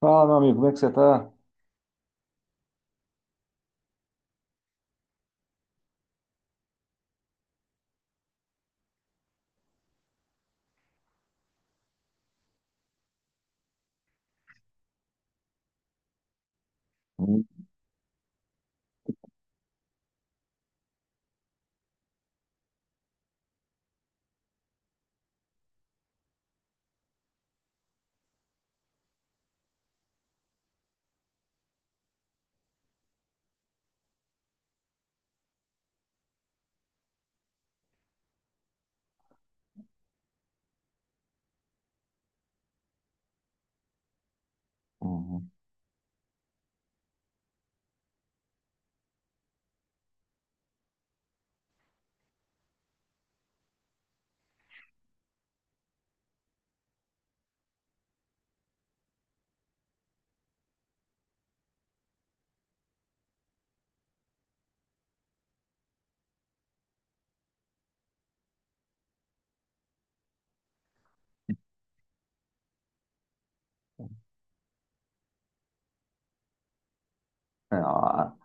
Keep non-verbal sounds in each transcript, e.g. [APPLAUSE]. Fala, meu amigo, como é que você tá? Hum, hum. Ah,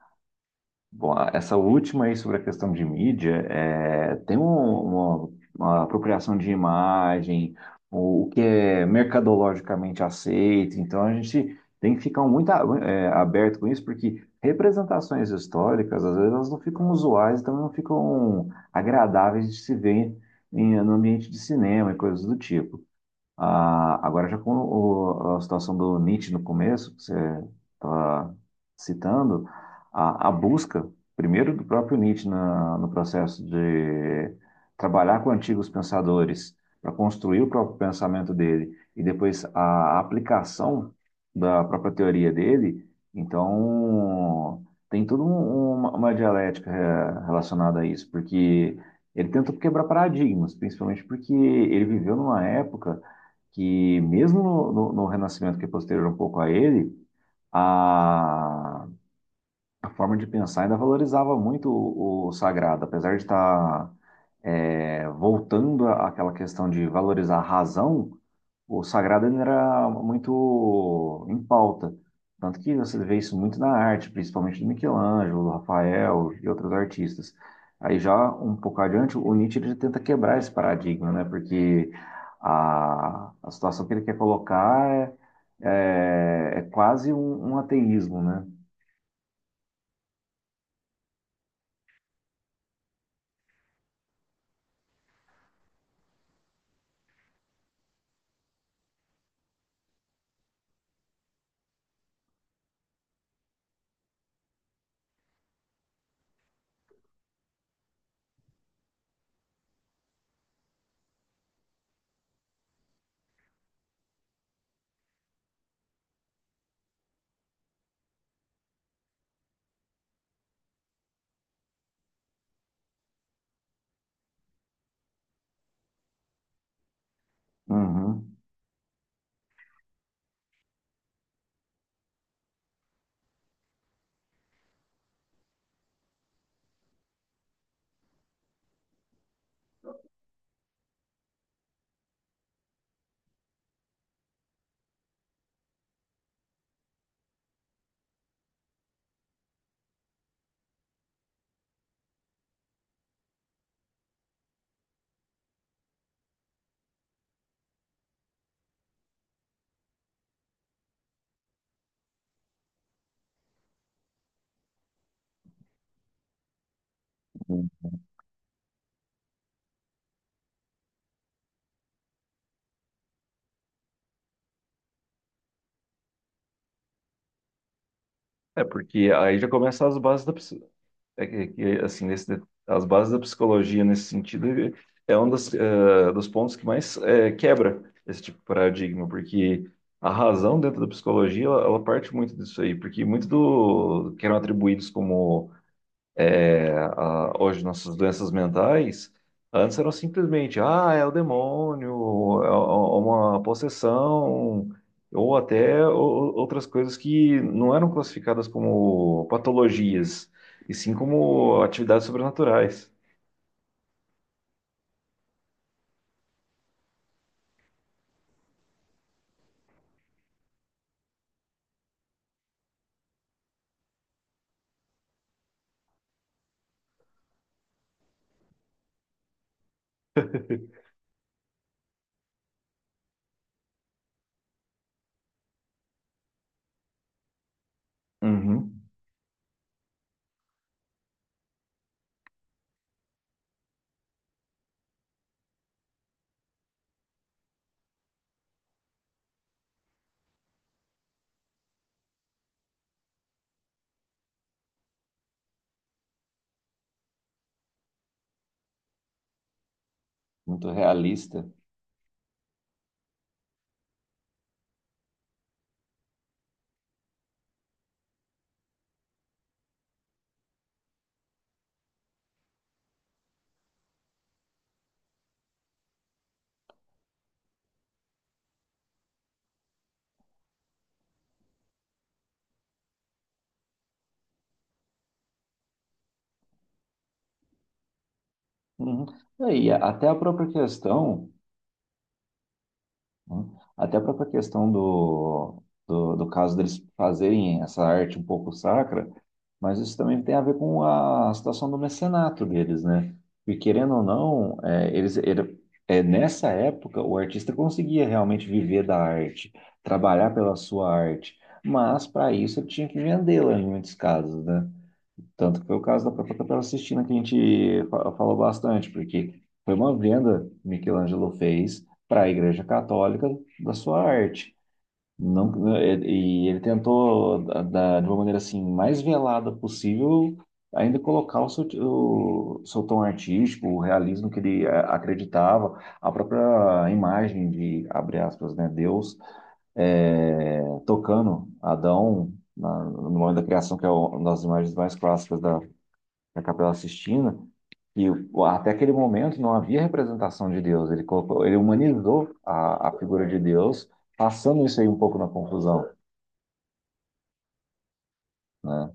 bom, essa última aí sobre a questão de mídia, é, tem uma apropriação de imagem, o que é mercadologicamente aceito, então a gente tem que ficar muito aberto com isso, porque representações históricas, às vezes, elas não ficam usuais, também não ficam agradáveis de se ver em, no ambiente de cinema e coisas do tipo. Ah, agora, já com a situação do Nietzsche no começo, que você estava citando, a busca, primeiro, do próprio Nietzsche na, no processo de trabalhar com antigos pensadores para construir o próprio pensamento dele e depois a aplicação da própria teoria dele, então tem toda uma dialética relacionada a isso, porque ele tentou quebrar paradigmas, principalmente porque ele viveu numa época que mesmo no Renascimento que é posterior um pouco a ele, a, a forma de pensar ainda valorizava muito o sagrado, apesar de estar voltando àquela questão de valorizar a razão, o sagrado ainda era muito em pauta. Tanto que você vê isso muito na arte, principalmente do Michelangelo, do Rafael e outros artistas. Aí já um pouco adiante, o Nietzsche ele tenta quebrar esse paradigma, né? Porque a situação que ele quer colocar é quase um ateísmo, né? Uhum. É porque aí já começa as bases da. Assim, nesse, as bases da psicologia nesse sentido é um dos pontos que mais quebra esse tipo de paradigma, porque a razão dentro da psicologia, ela parte muito disso aí, porque muito do que eram atribuídos como é, hoje nossas doenças mentais, antes eram simplesmente, ah, é o demônio, é uma possessão, ou até outras coisas que não eram classificadas como patologias, e sim como atividades sobrenaturais. Uhum. Muito realista. Uhum. E aí, até a própria questão. Hum. Até a própria questão do caso deles fazerem essa arte um pouco sacra, mas isso também tem a ver com a situação do mecenato deles, né? E querendo ou não, nessa época o artista conseguia realmente viver da arte, trabalhar pela sua arte, mas para isso ele tinha que vendê-la em muitos casos, né? Tanto que foi o caso da própria Capela Sistina que a gente falou bastante, porque foi uma venda que Michelangelo fez para a Igreja Católica da sua arte. Não, é, e ele tentou, de uma maneira assim, mais velada possível, ainda colocar o seu tom artístico, o realismo que ele acreditava, a própria imagem de, abre aspas, né, Deus eh, tocando Adão no momento da criação, que é uma das imagens mais clássicas da, na Capela Sistina, e até aquele momento não havia representação de Deus. Ele colocou, ele humanizou a figura de Deus, passando isso aí um pouco na confusão, né?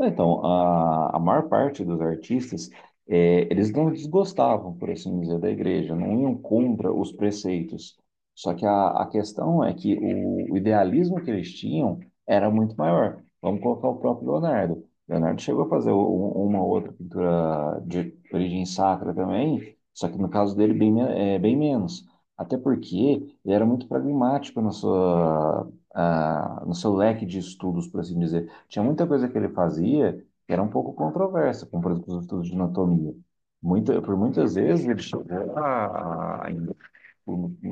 É, então, a maior parte dos artistas, eles não desgostavam, por assim dizer, da igreja, não iam contra os preceitos. Só que a questão é que o idealismo que eles tinham era muito maior. Vamos colocar o próprio Leonardo. Leonardo chegou a fazer uma outra pintura de origem sacra também, só que no caso dele, bem, bem menos. Até porque ele era muito pragmático na sua, ah, no seu leque de estudos, por assim dizer. Tinha muita coisa que ele fazia que era um pouco controversa, como por exemplo os estudos de anatomia. Muita, por muitas vezes ele chegou no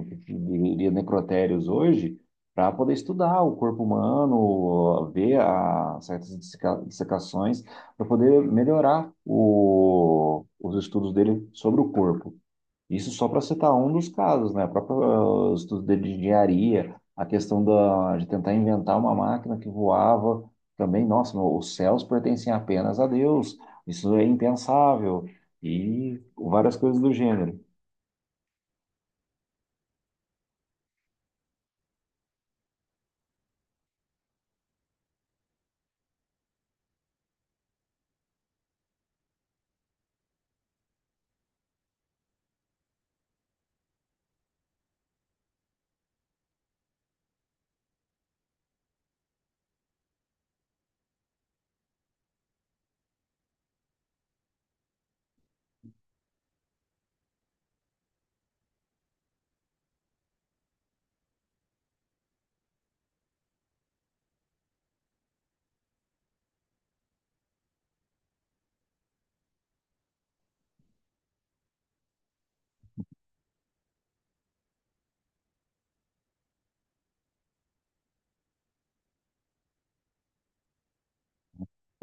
que se diria necrotérios hoje para poder estudar o corpo humano, ver a, certas dissecações, para poder melhorar os estudos dele sobre o corpo. Isso só para citar um dos casos, né? O próprio estudo de engenharia, a questão da, de tentar inventar uma máquina que voava também, nossa, meu, os céus pertencem apenas a Deus, isso é impensável, e várias coisas do gênero.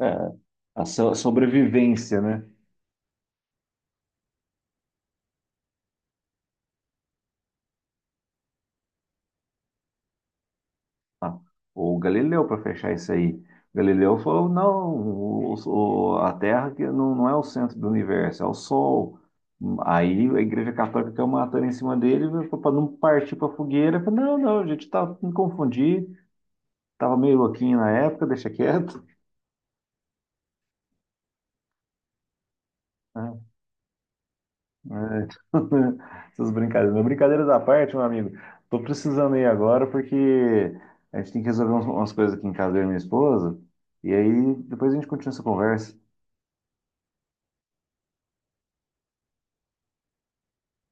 É, a sobrevivência, né? Tá? O Galileu para fechar isso aí. Galileu falou, não, a Terra que não, não é o centro do universo, é o Sol. Aí a Igreja Católica caiu matando em cima dele para não partir para fogueira. Falou, não, não, a gente tá, me confundi, tava meio louquinho na época, deixa quieto. É, é. [LAUGHS] Essas brincadeiras. Mas brincadeiras à parte, meu amigo. Tô precisando ir agora porque a gente tem que resolver umas coisas aqui em casa eu e minha esposa. E aí depois a gente continua essa conversa.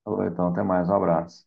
Falou então, até mais, um abraço.